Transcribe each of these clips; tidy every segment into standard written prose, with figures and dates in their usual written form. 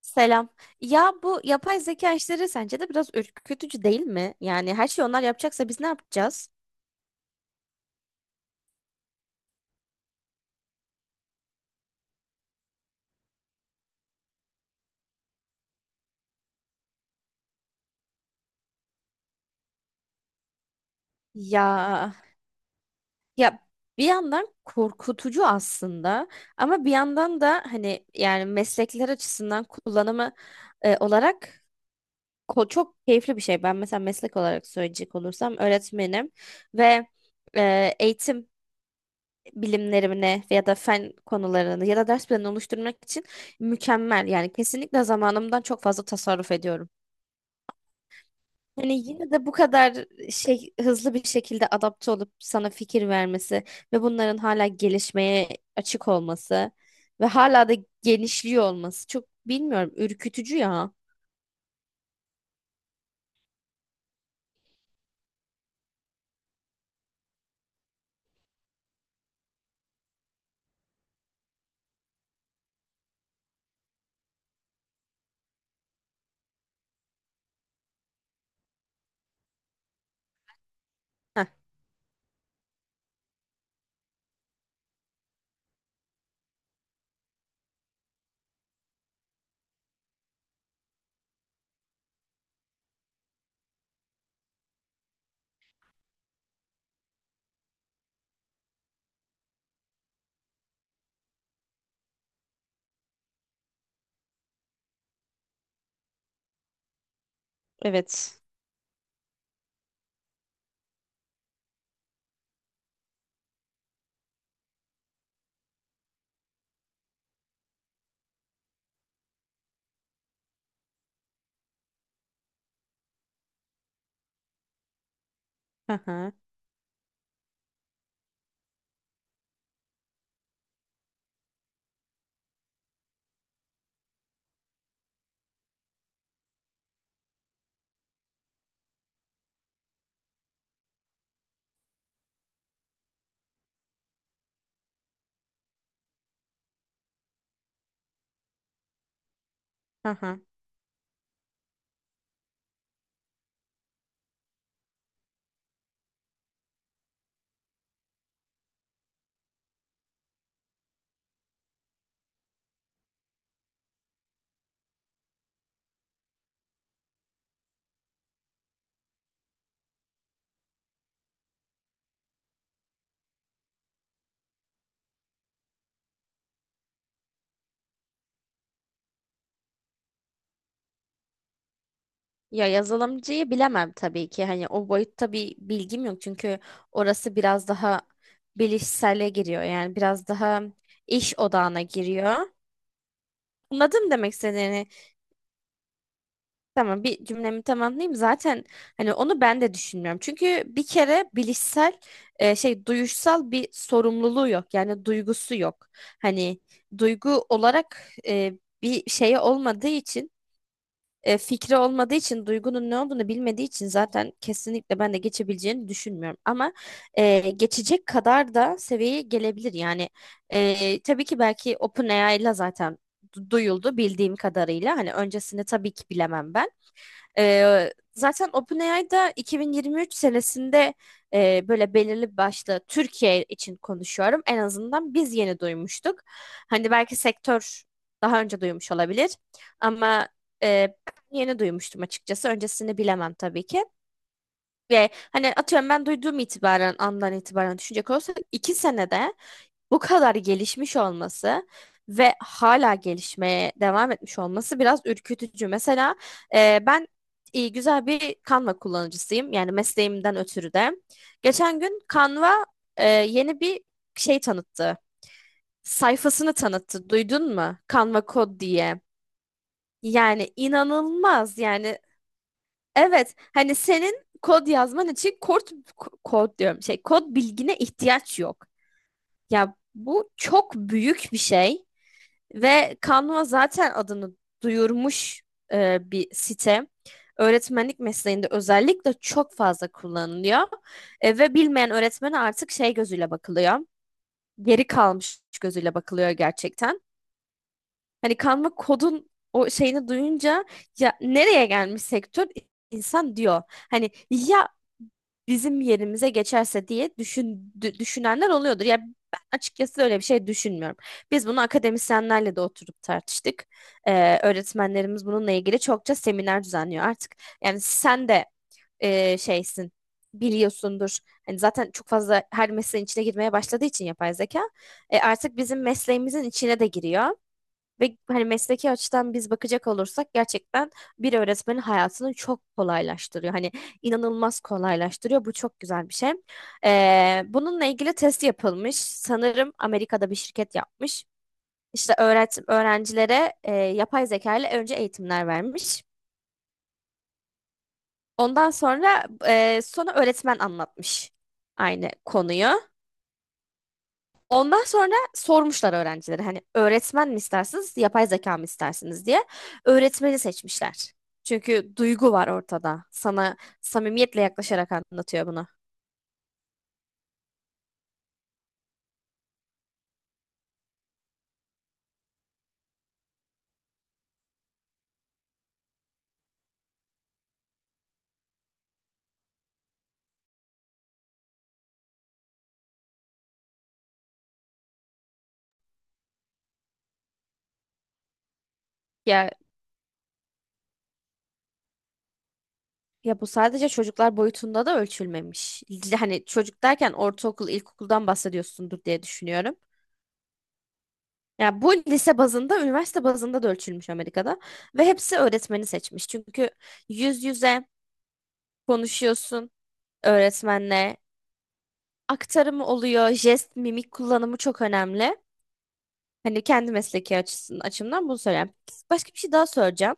Selam. Ya bu yapay zeka işleri sence de biraz ürkütücü değil mi? Yani her şeyi onlar yapacaksa biz ne yapacağız? Ya ya bir yandan korkutucu aslında ama bir yandan da hani yani meslekler açısından kullanımı olarak çok keyifli bir şey. Ben mesela meslek olarak söyleyecek olursam öğretmenim ve eğitim bilimlerimine ya da fen konularını ya da ders planını oluşturmak için mükemmel. Yani kesinlikle zamanımdan çok fazla tasarruf ediyorum. Hani yine de bu kadar şey hızlı bir şekilde adapte olup sana fikir vermesi ve bunların hala gelişmeye açık olması ve hala da genişliyor olması çok bilmiyorum ürkütücü ya. Heh, evet. Hı hı. Hı hı. Ya yazılımcıyı bilemem tabii ki. Hani o boyutta bir bilgim yok çünkü orası biraz daha bilişsele giriyor. Yani biraz daha iş odağına giriyor. Anladım demek istediğini. Tamam bir cümlemi tamamlayayım. Zaten hani onu ben de düşünmüyorum. Çünkü bir kere bilişsel şey duyuşsal bir sorumluluğu yok. Yani duygusu yok. Hani duygu olarak bir şeye olmadığı için fikri olmadığı için duygunun ne olduğunu bilmediği için zaten kesinlikle ben de geçebileceğini düşünmüyorum. Ama geçecek kadar da seviyeye gelebilir. Yani tabii ki belki OpenAI ile zaten duyuldu bildiğim kadarıyla. Hani öncesini tabii ki bilemem ben. Zaten OpenAI'da 2023 senesinde böyle belirli başlı Türkiye için konuşuyorum. En azından biz yeni duymuştuk. Hani belki sektör daha önce duymuş olabilir ama e, ben yeni duymuştum açıkçası. Öncesini bilemem tabii ki. Ve hani atıyorum ben duyduğum itibaren andan itibaren düşünecek olursak iki senede bu kadar gelişmiş olması ve hala gelişmeye devam etmiş olması biraz ürkütücü. Mesela ben güzel bir Canva kullanıcısıyım. Yani mesleğimden ötürü de. Geçen gün Canva yeni bir şey tanıttı. Sayfasını tanıttı. Duydun mu? Canva Code diye. Yani inanılmaz. Yani evet, hani senin kod yazman için kod diyorum şey kod bilgine ihtiyaç yok. Ya bu çok büyük bir şey ve Canva zaten adını duyurmuş bir site. Öğretmenlik mesleğinde özellikle çok fazla kullanılıyor. E, ve bilmeyen öğretmene artık şey gözüyle bakılıyor. Geri kalmış gözüyle bakılıyor gerçekten. Hani Canva kodun o şeyini duyunca ya nereye gelmiş sektör insan diyor. Hani ya bizim yerimize geçerse diye düşünenler oluyordur. Ya ben açıkçası öyle bir şey düşünmüyorum. Biz bunu akademisyenlerle de oturup tartıştık. Öğretmenlerimiz bununla ilgili çokça seminer düzenliyor artık. Yani sen de şeysin biliyorsundur. Hani zaten çok fazla her mesleğin içine girmeye başladığı için yapay zeka. E, artık bizim mesleğimizin içine de giriyor. Ve hani mesleki açıdan biz bakacak olursak gerçekten bir öğretmenin hayatını çok kolaylaştırıyor. Hani inanılmaz kolaylaştırıyor. Bu çok güzel bir şey. Bununla ilgili test yapılmış. Sanırım Amerika'da bir şirket yapmış. İşte öğrencilere yapay zeka ile önce eğitimler vermiş. Ondan sonra sonra öğretmen anlatmış aynı konuyu. Ondan sonra sormuşlar öğrencilere hani öğretmen mi istersiniz, yapay zeka mı istersiniz diye. Öğretmeni seçmişler. Çünkü duygu var ortada. Sana samimiyetle yaklaşarak anlatıyor bunu. Ya ya bu sadece çocuklar boyutunda da ölçülmemiş. Hani çocuk derken ortaokul, ilkokuldan bahsediyorsundur diye düşünüyorum. Ya bu lise bazında, üniversite bazında da ölçülmüş Amerika'da ve hepsi öğretmeni seçmiş. Çünkü yüz yüze konuşuyorsun öğretmenle aktarımı oluyor, jest, mimik kullanımı çok önemli. Hani kendi mesleki açısından, açımdan bunu söyleyeyim. Başka bir şey daha söyleyeceğim.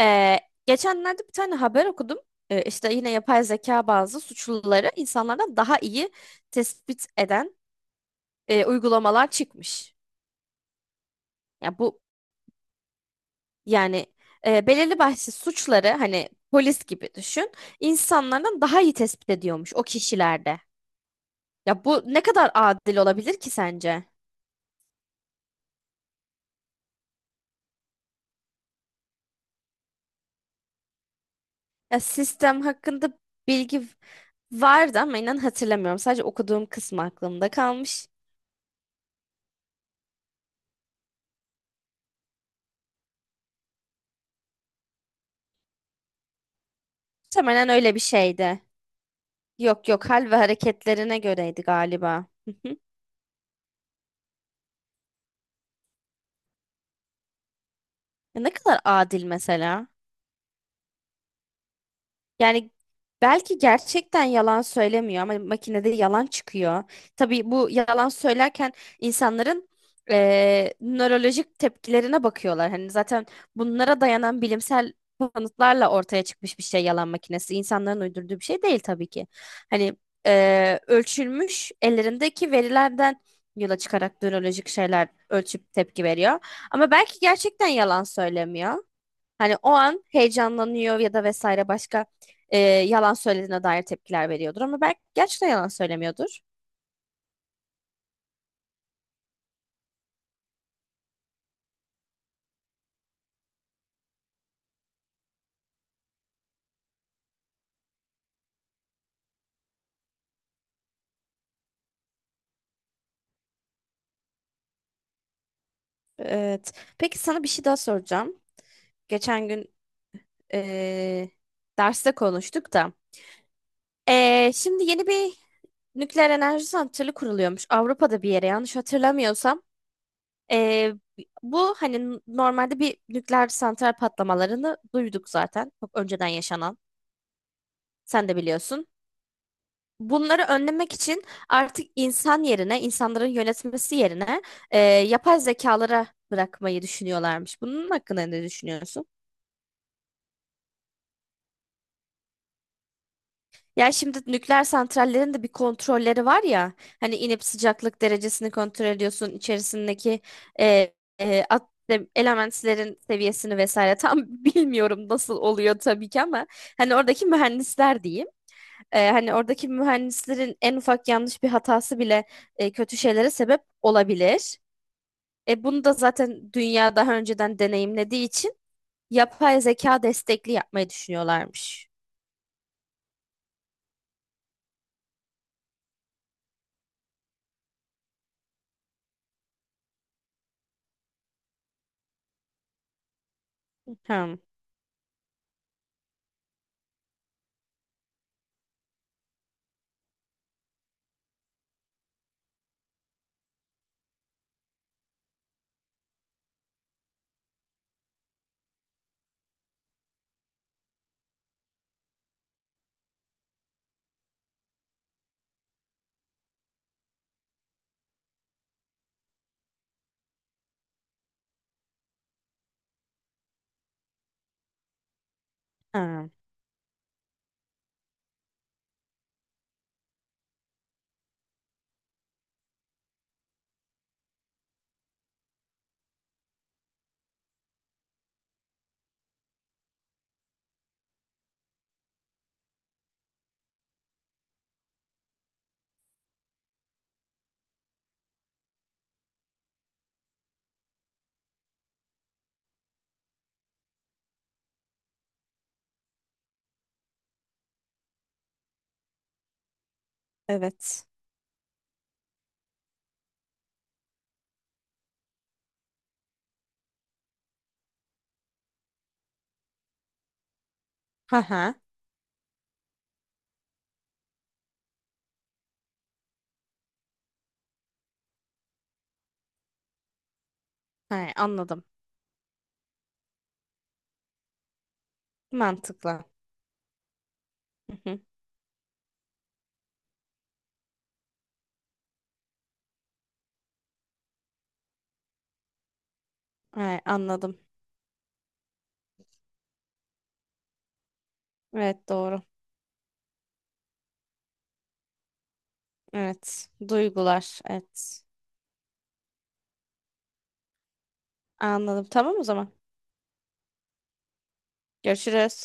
Ee, Geçenlerde bir tane haber okudum. İşte yine yapay zeka bazı suçluları insanlardan daha iyi tespit eden uygulamalar çıkmış. Ya bu yani belirli başlı suçları hani polis gibi düşün, insanlardan daha iyi tespit ediyormuş o kişilerde. Ya bu ne kadar adil olabilir ki sence? Ya sistem hakkında bilgi vardı ama inan hatırlamıyorum. Sadece okuduğum kısmı aklımda kalmış. Muhtemelen öyle bir şeydi. Yok yok hal ve hareketlerine göreydi galiba. Hı hı. Ya ne kadar adil mesela. Yani belki gerçekten yalan söylemiyor ama makinede yalan çıkıyor. Tabii bu yalan söylerken insanların nörolojik tepkilerine bakıyorlar. Hani zaten bunlara dayanan bilimsel kanıtlarla ortaya çıkmış bir şey yalan makinesi. İnsanların uydurduğu bir şey değil tabii ki. Hani ölçülmüş ellerindeki verilerden yola çıkarak nörolojik şeyler ölçüp tepki veriyor. Ama belki gerçekten yalan söylemiyor. Hani o an heyecanlanıyor ya da vesaire başka yalan söylediğine dair tepkiler veriyordur. Ama belki gerçekten yalan söylemiyordur. Evet. Peki sana bir şey daha soracağım. Geçen gün e, derste konuştuk da. E, şimdi yeni bir nükleer enerji santrali kuruluyormuş. Avrupa'da bir yere yanlış hatırlamıyorsam. E, bu hani normalde bir nükleer santral patlamalarını duyduk zaten. Çok önceden yaşanan. Sen de biliyorsun. Bunları önlemek için artık insan yerine, insanların yönetmesi yerine yapay zekalara bırakmayı düşünüyorlarmış. Bunun hakkında ne düşünüyorsun? Ya şimdi nükleer santrallerin de bir kontrolleri var ya, hani inip sıcaklık derecesini kontrol ediyorsun, içerisindeki e, e, at- elementlerin seviyesini vesaire tam bilmiyorum nasıl oluyor tabii ki ama hani oradaki mühendisler diyeyim. E, hani oradaki mühendislerin en ufak yanlış bir hatası bile kötü şeylere sebep olabilir. E bunu da zaten dünya daha önceden deneyimlediği için yapay zeka destekli yapmayı düşünüyorlarmış. Hım, hım, evet. Ha ha. Hay, anladım. Mantıklı. Hı hı. Hay, anladım. Evet doğru. Evet. Duygular. Evet. Anladım. Tamam o zaman. Görüşürüz.